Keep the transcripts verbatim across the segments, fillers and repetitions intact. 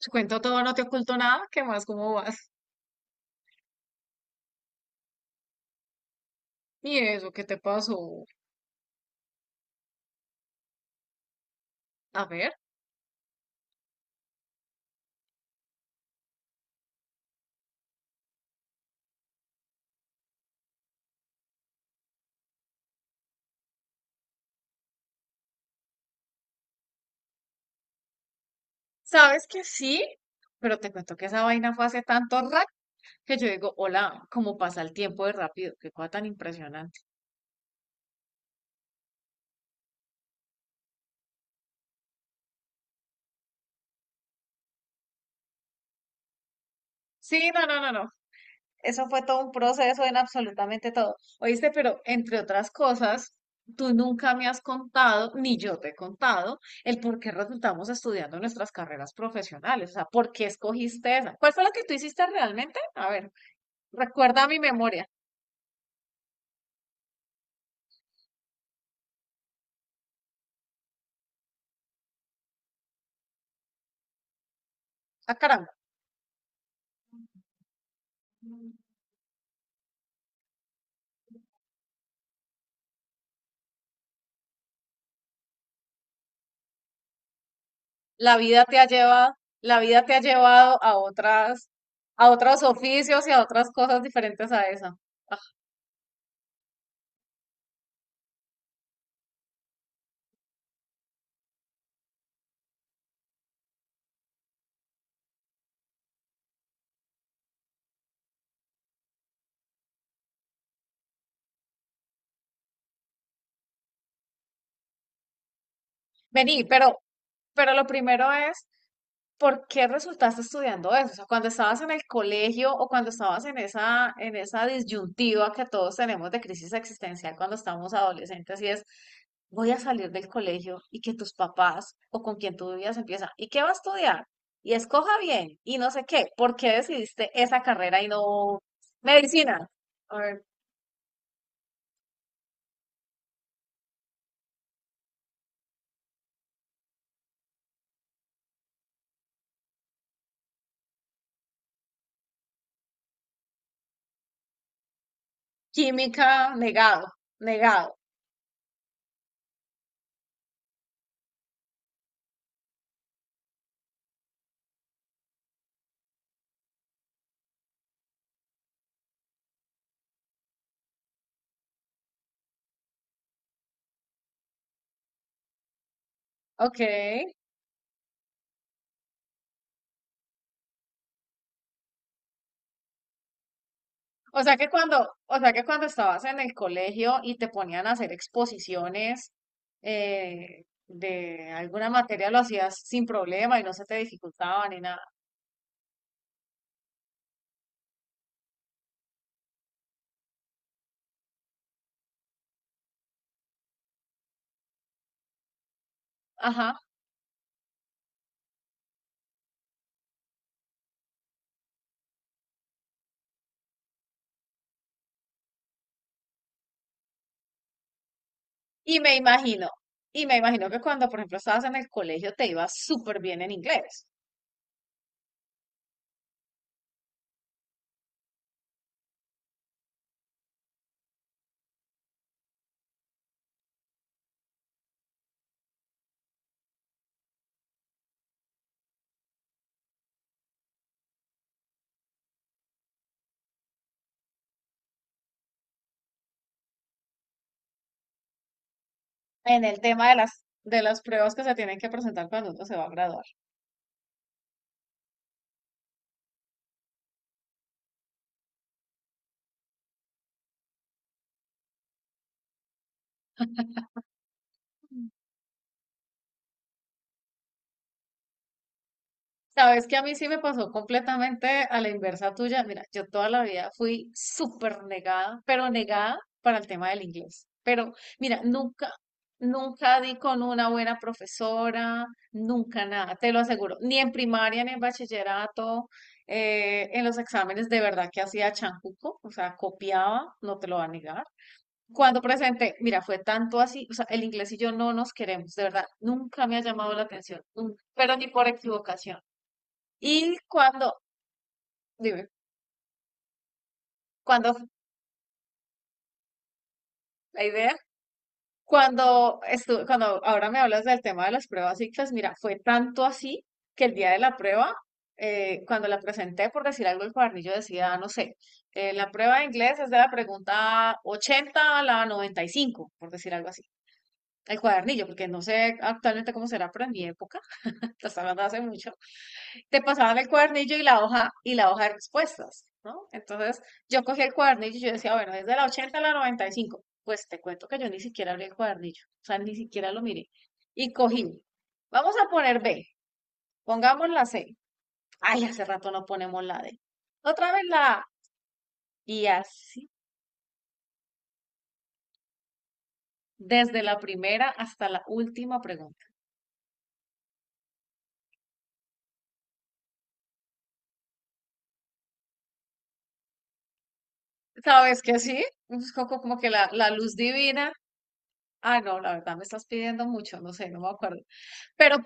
Te cuento todo, no te oculto nada. ¿Qué más? ¿Cómo vas? ¿Y eso qué te pasó? A ver, sabes que sí, pero te cuento que esa vaina fue hace tanto rato que yo digo, hola, cómo pasa el tiempo de rápido, qué cosa tan impresionante. Sí, no, no, no, no. Eso fue todo un proceso en absolutamente todo. Oíste, pero entre otras cosas, tú nunca me has contado, ni yo te he contado, el por qué resultamos estudiando nuestras carreras profesionales. O sea, ¿por qué escogiste esa? ¿Cuál fue la que tú hiciste realmente? A ver, recuerda mi memoria. Ah, caramba. La vida te ha llevado, la vida te ha llevado a otras, a otros oficios y a otras cosas diferentes a esa. Ah. Vení, pero, pero lo primero es ¿por qué resultaste estudiando eso? O sea, cuando estabas en el colegio o cuando estabas en esa, en esa disyuntiva que todos tenemos de crisis existencial cuando estamos adolescentes y es, voy a salir del colegio y que tus papás o con quien tú vivías empieza, ¿y qué va a estudiar? Y escoja bien y no sé qué, ¿por qué decidiste esa carrera y no medicina? Or química, negado, negado, ok. O sea que cuando, o sea que cuando estabas en el colegio y te ponían a hacer exposiciones eh, de alguna materia, lo hacías sin problema y no se te dificultaba ni nada. Ajá. Y me imagino, y me imagino que cuando, por ejemplo, estabas en el colegio te ibas súper bien en inglés, en el tema de las, de las pruebas que se tienen que presentar cuando uno se va a graduar. ¿Sabes que a mí sí me pasó completamente a la inversa tuya? Mira, yo toda la vida fui súper negada, pero negada para el tema del inglés. Pero mira, nunca, nunca di con una buena profesora, nunca nada, te lo aseguro. Ni en primaria, ni en bachillerato, eh, en los exámenes de verdad que hacía chancuco, o sea, copiaba, no te lo va a negar. Cuando presenté, mira, fue tanto así, o sea, el inglés y yo no nos queremos, de verdad, nunca me ha llamado la atención, nunca, pero ni por equivocación. Y cuando, dime, cuando, la idea, cuando estuve, cuando ahora me hablas del tema de las pruebas I C F E S, mira, fue tanto así que el día de la prueba, eh, cuando la presenté, por decir algo, el cuadernillo decía, no sé, eh, la prueba de inglés es de la pregunta ochenta a la noventa y cinco por decir algo así. El cuadernillo, porque no sé actualmente cómo será, pero en mi época, hasta hablando hace mucho, te pasaban el cuadernillo y la hoja y la hoja de respuestas, ¿no? Entonces yo cogí el cuadernillo y yo decía, bueno, desde la ochenta a la noventa y cinco, pues te cuento que yo ni siquiera abrí el cuadernillo, o sea, ni siquiera lo miré. Y cogí, vamos a poner B, pongamos la C. Ay, hace rato no ponemos la D. Otra vez la A. Y así, desde la primera hasta la última pregunta. ¿Sabes que sí? Es como como que la, la luz divina. Ah, no, la verdad me estás pidiendo mucho, no sé, no me acuerdo. Pero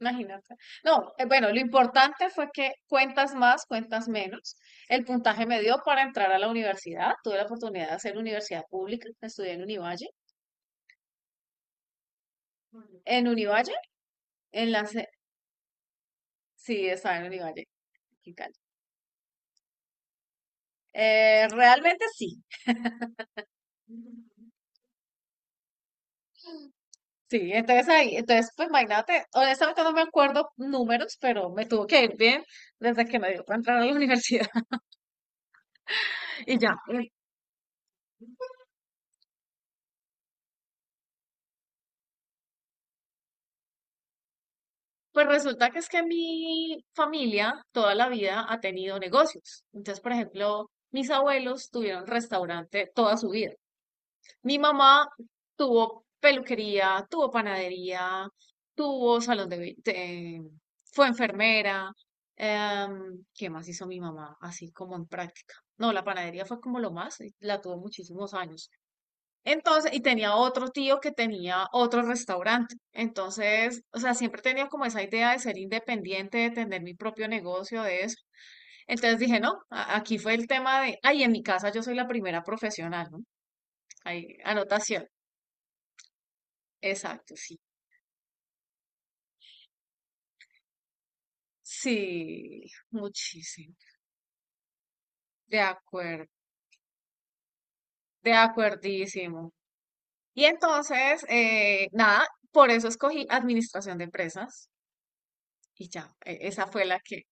imagínate. No, eh, bueno, lo importante fue que cuentas más, cuentas menos. El puntaje me dio para entrar a la universidad. Tuve la oportunidad de hacer universidad pública. Estudié en Univalle. En Univalle, en la... se- sí, estaba en Univalle aquí en Cali. Eh, realmente sí. Sí, entonces ahí, entonces pues imagínate, honestamente no me acuerdo números, pero me tuvo que ir bien desde que me dio para entrar a la universidad y ya. eh, Pues resulta que es que mi familia toda la vida ha tenido negocios. Entonces, por ejemplo, mis abuelos tuvieron restaurante toda su vida. Mi mamá tuvo peluquería, tuvo panadería, tuvo salón de... be- de- fue enfermera. Em, ¿qué más hizo mi mamá? Así como en práctica. No, la panadería fue como lo más, y la tuvo muchísimos años. Entonces, y tenía otro tío que tenía otro restaurante. Entonces, o sea, siempre he tenido como esa idea de ser independiente, de tener mi propio negocio, de eso. Entonces dije, no, a- aquí fue el tema de, ay, en mi casa yo soy la primera profesional, ¿no? Ahí, anotación. Exacto, sí. Sí, muchísimo. De acuerdo, de acuerdísimo. Y entonces, eh, nada, por eso escogí administración de empresas y ya, e- esa fue la que.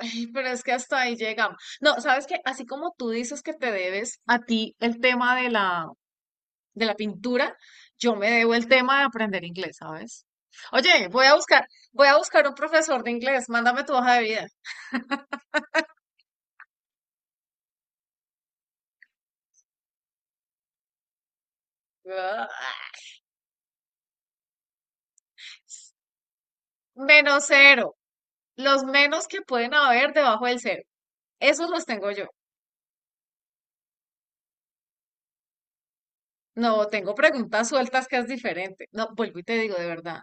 Ay, pero es que hasta ahí llegamos. No, sabes que así como tú dices que te debes a ti el tema de la, de la pintura, yo me debo el tema de aprender inglés, ¿sabes? Oye, voy a buscar, voy a buscar un profesor de inglés, mándame tu hoja de vida. Ah, menos cero, los menos que pueden haber debajo del cero. Esos los tengo yo. No, tengo preguntas sueltas que es diferente. No, vuelvo y te digo de verdad.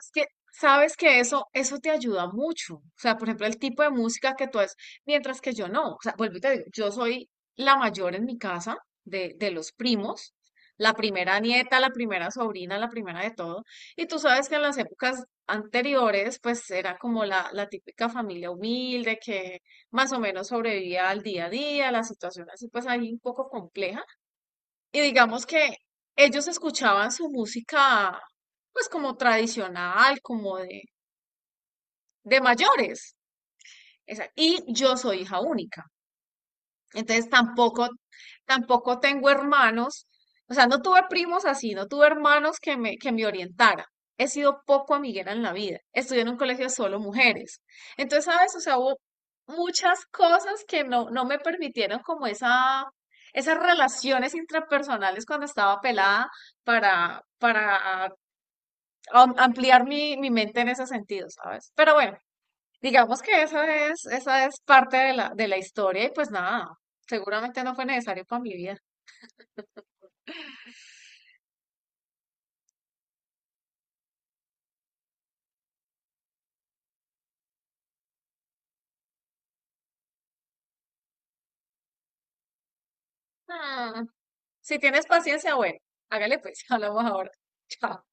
Es que sabes que eso, eso te ayuda mucho. O sea, por ejemplo, el tipo de música que tú haces, mientras que yo no. O sea, vuelvo y te digo, yo soy la mayor en mi casa de, de los primos, la primera nieta, la primera sobrina, la primera de todo. Y tú sabes que en las épocas anteriores, pues era como la, la típica familia humilde que más o menos sobrevivía al día a día, la situación así, pues ahí un poco compleja. Y digamos que ellos escuchaban su música, pues como tradicional, como de, de mayores. Esa- Y yo soy hija única. Entonces tampoco, tampoco tengo hermanos, o sea, no tuve primos así, no tuve hermanos que me, que me orientaran. He sido poco amiguera en la vida. Estudié en un colegio de solo mujeres. Entonces, ¿sabes? O sea, hubo muchas cosas que no, no me permitieron como esa, esas relaciones intrapersonales cuando estaba pelada para, para am- ampliar mi, mi mente en ese sentido, ¿sabes? Pero bueno, digamos que eso es, esa es parte de la, de la historia y pues nada, seguramente no fue necesario para mi vida. Ah, si tienes paciencia, bueno, hágale pues, hablamos ahora. Chao.